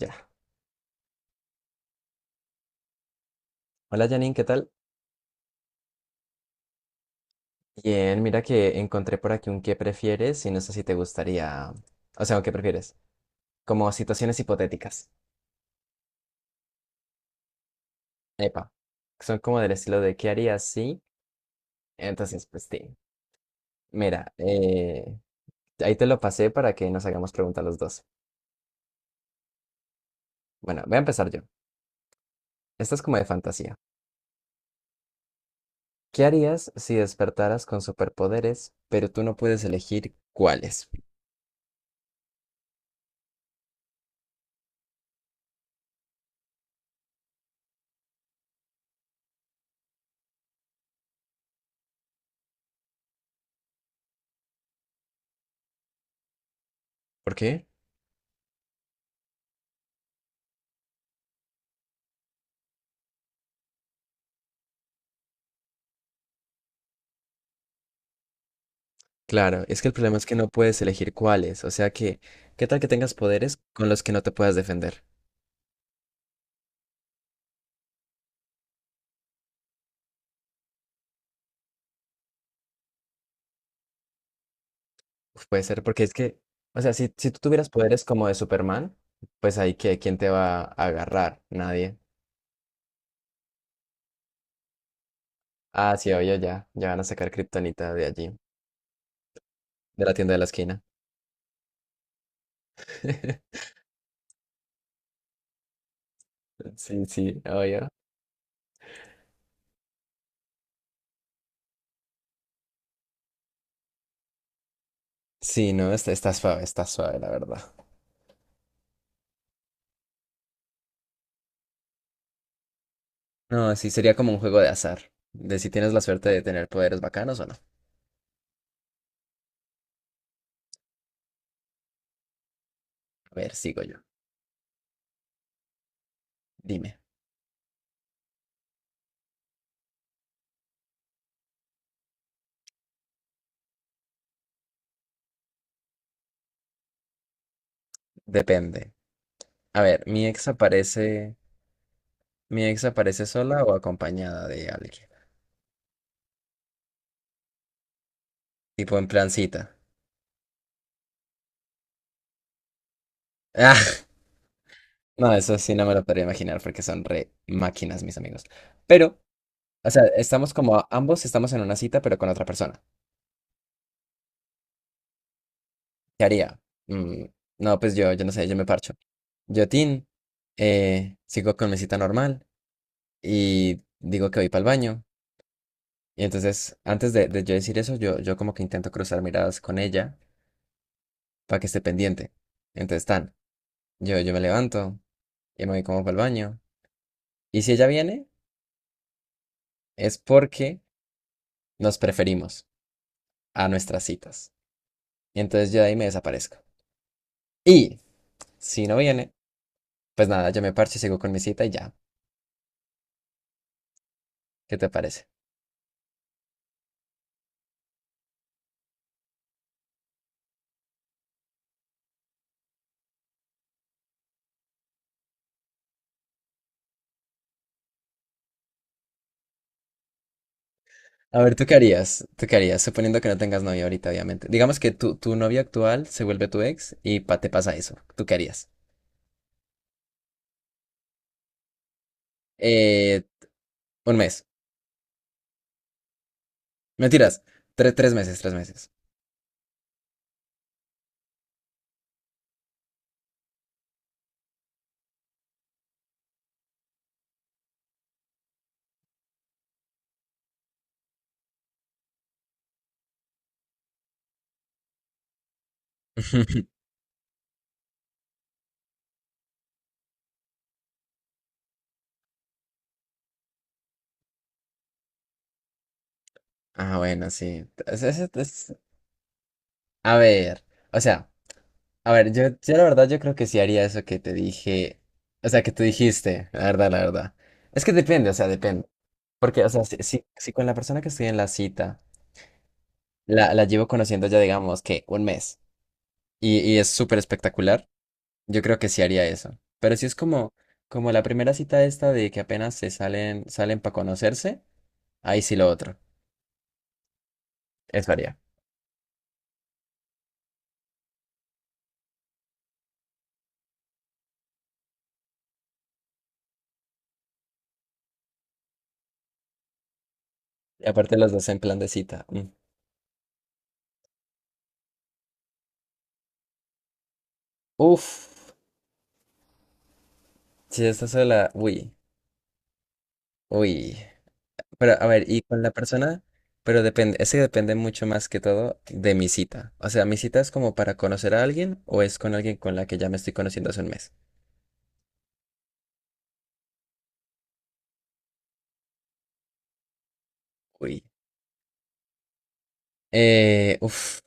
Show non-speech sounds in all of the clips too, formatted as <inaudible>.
Ya. Hola Janine, ¿qué tal? Bien, mira que encontré por aquí un qué prefieres y no sé si te gustaría, o sea, un qué prefieres, como situaciones hipotéticas. Epa, son como del estilo de qué harías si, entonces pues sí. Mira, ahí te lo pasé para que nos hagamos preguntas los dos. Bueno, voy a empezar yo. Esta es como de fantasía. ¿Qué harías si despertaras con superpoderes, pero tú no puedes elegir cuáles? ¿Por qué? Claro, es que el problema es que no puedes elegir cuáles, o sea que, ¿qué tal que tengas poderes con los que no te puedas defender? Uf, puede ser, porque es que, o sea, si tú tuvieras poderes como de Superman, pues ahí que, ¿quién te va a agarrar? Nadie. Ah, sí, oye, ya, ya van a sacar Kryptonita de allí, de la tienda de la esquina. <laughs> Sí, sí, oye. Sí, no, está suave, está suave, la verdad. No, sí, sería como un juego de azar, de si tienes la suerte de tener poderes bacanos o no. A ver, sigo yo. Dime. Depende. A ver, mi ex aparece sola o acompañada de alguien. Tipo en plancita. Ah, <laughs> no, eso sí no me lo podría imaginar porque son re máquinas, mis amigos. Pero, o sea, estamos como ambos estamos en una cita, pero con otra persona. ¿Qué haría? Mm, no, pues yo no sé, yo me parcho. Yo, Tin, sigo con mi cita normal y digo que voy para el baño. Y entonces, antes de yo decir eso, yo como que intento cruzar miradas con ella para que esté pendiente. Entonces, tan. Yo me levanto y me voy como para el baño. Y si ella viene, es porque nos preferimos a nuestras citas. Y entonces yo de ahí me desaparezco. Y si no viene, pues nada, yo me parcho y sigo con mi cita y ya. ¿Qué te parece? A ver, ¿tú qué harías? ¿Tú qué harías? Suponiendo que no tengas novia ahorita, obviamente. Digamos que tu novia actual se vuelve tu ex y te pasa eso. ¿Tú qué harías? Eh, un mes. Mentiras. Tres meses, tres meses. <laughs> Ah, bueno, sí. A ver, o sea. A ver, yo la verdad yo creo que sí haría eso que te dije, o sea, que tú dijiste, la verdad, la verdad. Es que depende, o sea, depende. Porque, o sea, si con la persona que estoy en la cita, la llevo conociendo ya, digamos, que un mes, y es súper espectacular, yo creo que sí haría eso. Pero si es como, como la primera cita esta de que apenas se salen, salen para conocerse, ahí sí lo otro. Eso haría. Y aparte los dos en plan de cita. Mm. Uf, si estás sola, uy, uy. Pero, a ver, y con la persona, pero depende, ese depende mucho más que todo de mi cita. O sea, ¿mi cita es como para conocer a alguien o es con alguien con la que ya me estoy conociendo hace un mes? Uy. Uf,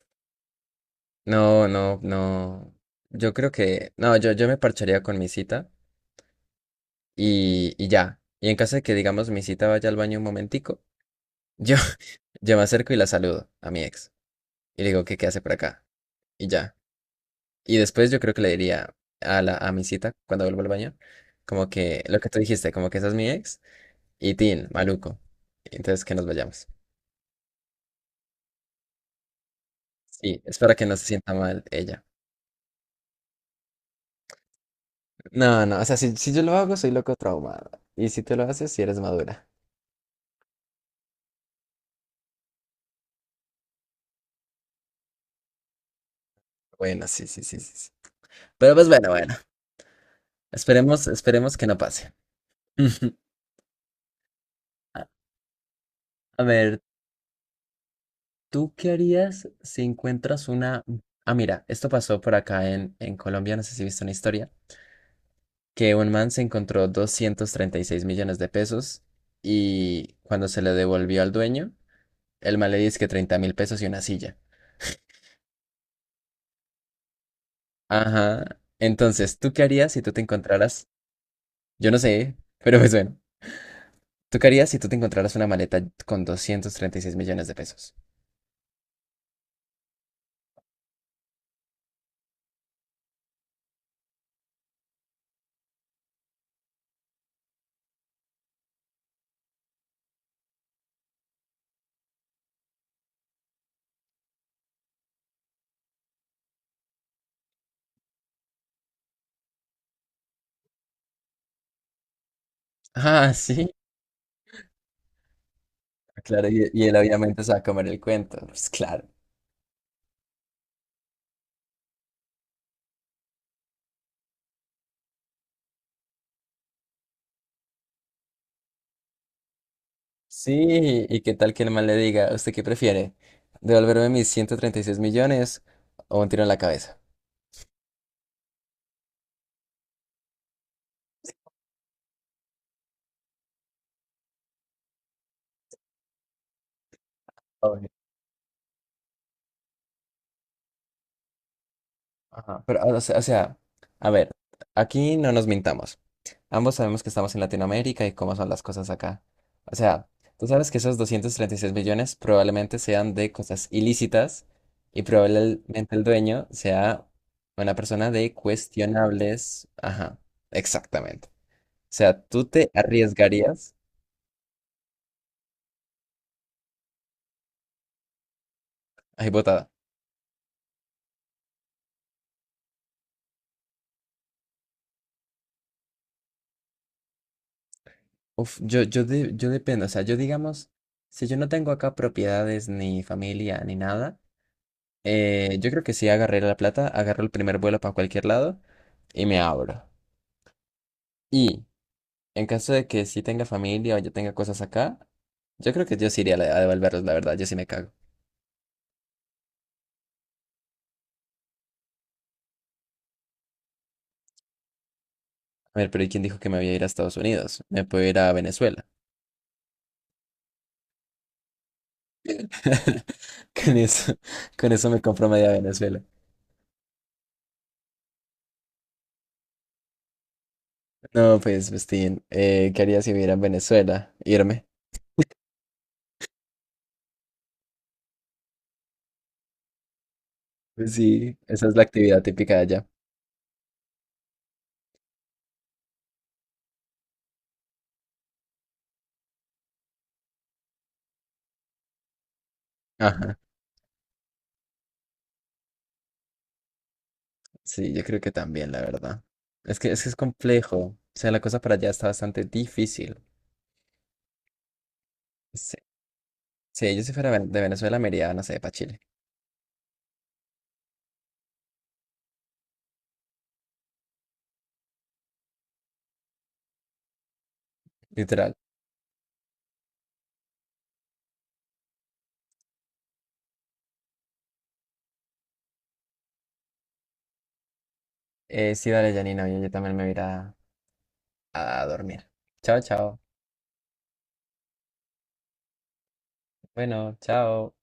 no, no, no. Yo creo que, no, yo me parcharía con mi cita y ya. Y en caso de que, digamos, mi cita vaya al baño un momentico, yo, <laughs> yo me acerco y la saludo a mi ex. Y le digo que qué hace por acá. Y ya. Y después yo creo que le diría a mi cita cuando vuelvo al baño, como que lo que tú dijiste, como que esa es mi ex y Tin, maluco. Entonces que nos vayamos. Sí, espero que no se sienta mal ella. No, no, o sea, si, si yo lo hago, soy loco traumado. Y si tú lo haces, si eres madura. Bueno, sí, sí, sí, sí. Sí. Pero pues bueno, bueno. Esperemos, esperemos que no pase. <laughs> A a ver, ¿tú qué harías si encuentras una... Ah, mira, esto pasó por acá en Colombia, no sé si viste una historia. Que un man se encontró 236 millones de pesos y cuando se le devolvió al dueño, el man le dice que 30.000 pesos y una silla. Ajá. Entonces, ¿tú qué harías si tú te encontraras? Yo no sé, pero pues bueno, ¿tú qué harías si tú te encontraras una maleta con 236 millones de pesos? Ah, <laughs> sí, claro, y él obviamente se va a comer el cuento, pues claro. Sí, ¿y qué tal que el man le diga, ¿usted qué prefiere? ¿Devolverme mis 136 millones o un tiro en la cabeza? Ajá, pero, o sea, a ver, aquí no nos mintamos. Ambos sabemos que estamos en Latinoamérica y cómo son las cosas acá. O sea, tú sabes que esos 236 millones probablemente sean de cosas ilícitas y probablemente el dueño sea una persona de cuestionables. Ajá, exactamente. O sea, tú te arriesgarías. Ay, botada. Uf, yo dependo. O sea, yo digamos, si yo no tengo acá propiedades ni familia ni nada. Yo creo que sí agarré la plata, agarro el primer vuelo para cualquier lado y me abro. Y en caso de que sí tenga familia o yo tenga cosas acá, yo creo que yo sí iría a devolverlos, la verdad, yo sí me cago. A ver, pero ¿y quién dijo que me voy a ir a Estados Unidos? Me puedo ir a Venezuela. <laughs> Con eso, con eso me compro media Venezuela. No, pues, Justin ¿qué haría si viviera en Venezuela? Irme. Pues sí, esa es la actividad típica de allá. Ajá. Sí, yo creo que también, la verdad. es que es complejo. O sea, la cosa para allá está bastante difícil. Sí, sí, yo si fuera de Venezuela me iría, no sé, para Chile. Literal. Sí, dale, Janina, oye, yo también me iré a dormir. Chao, chao. Bueno, chao.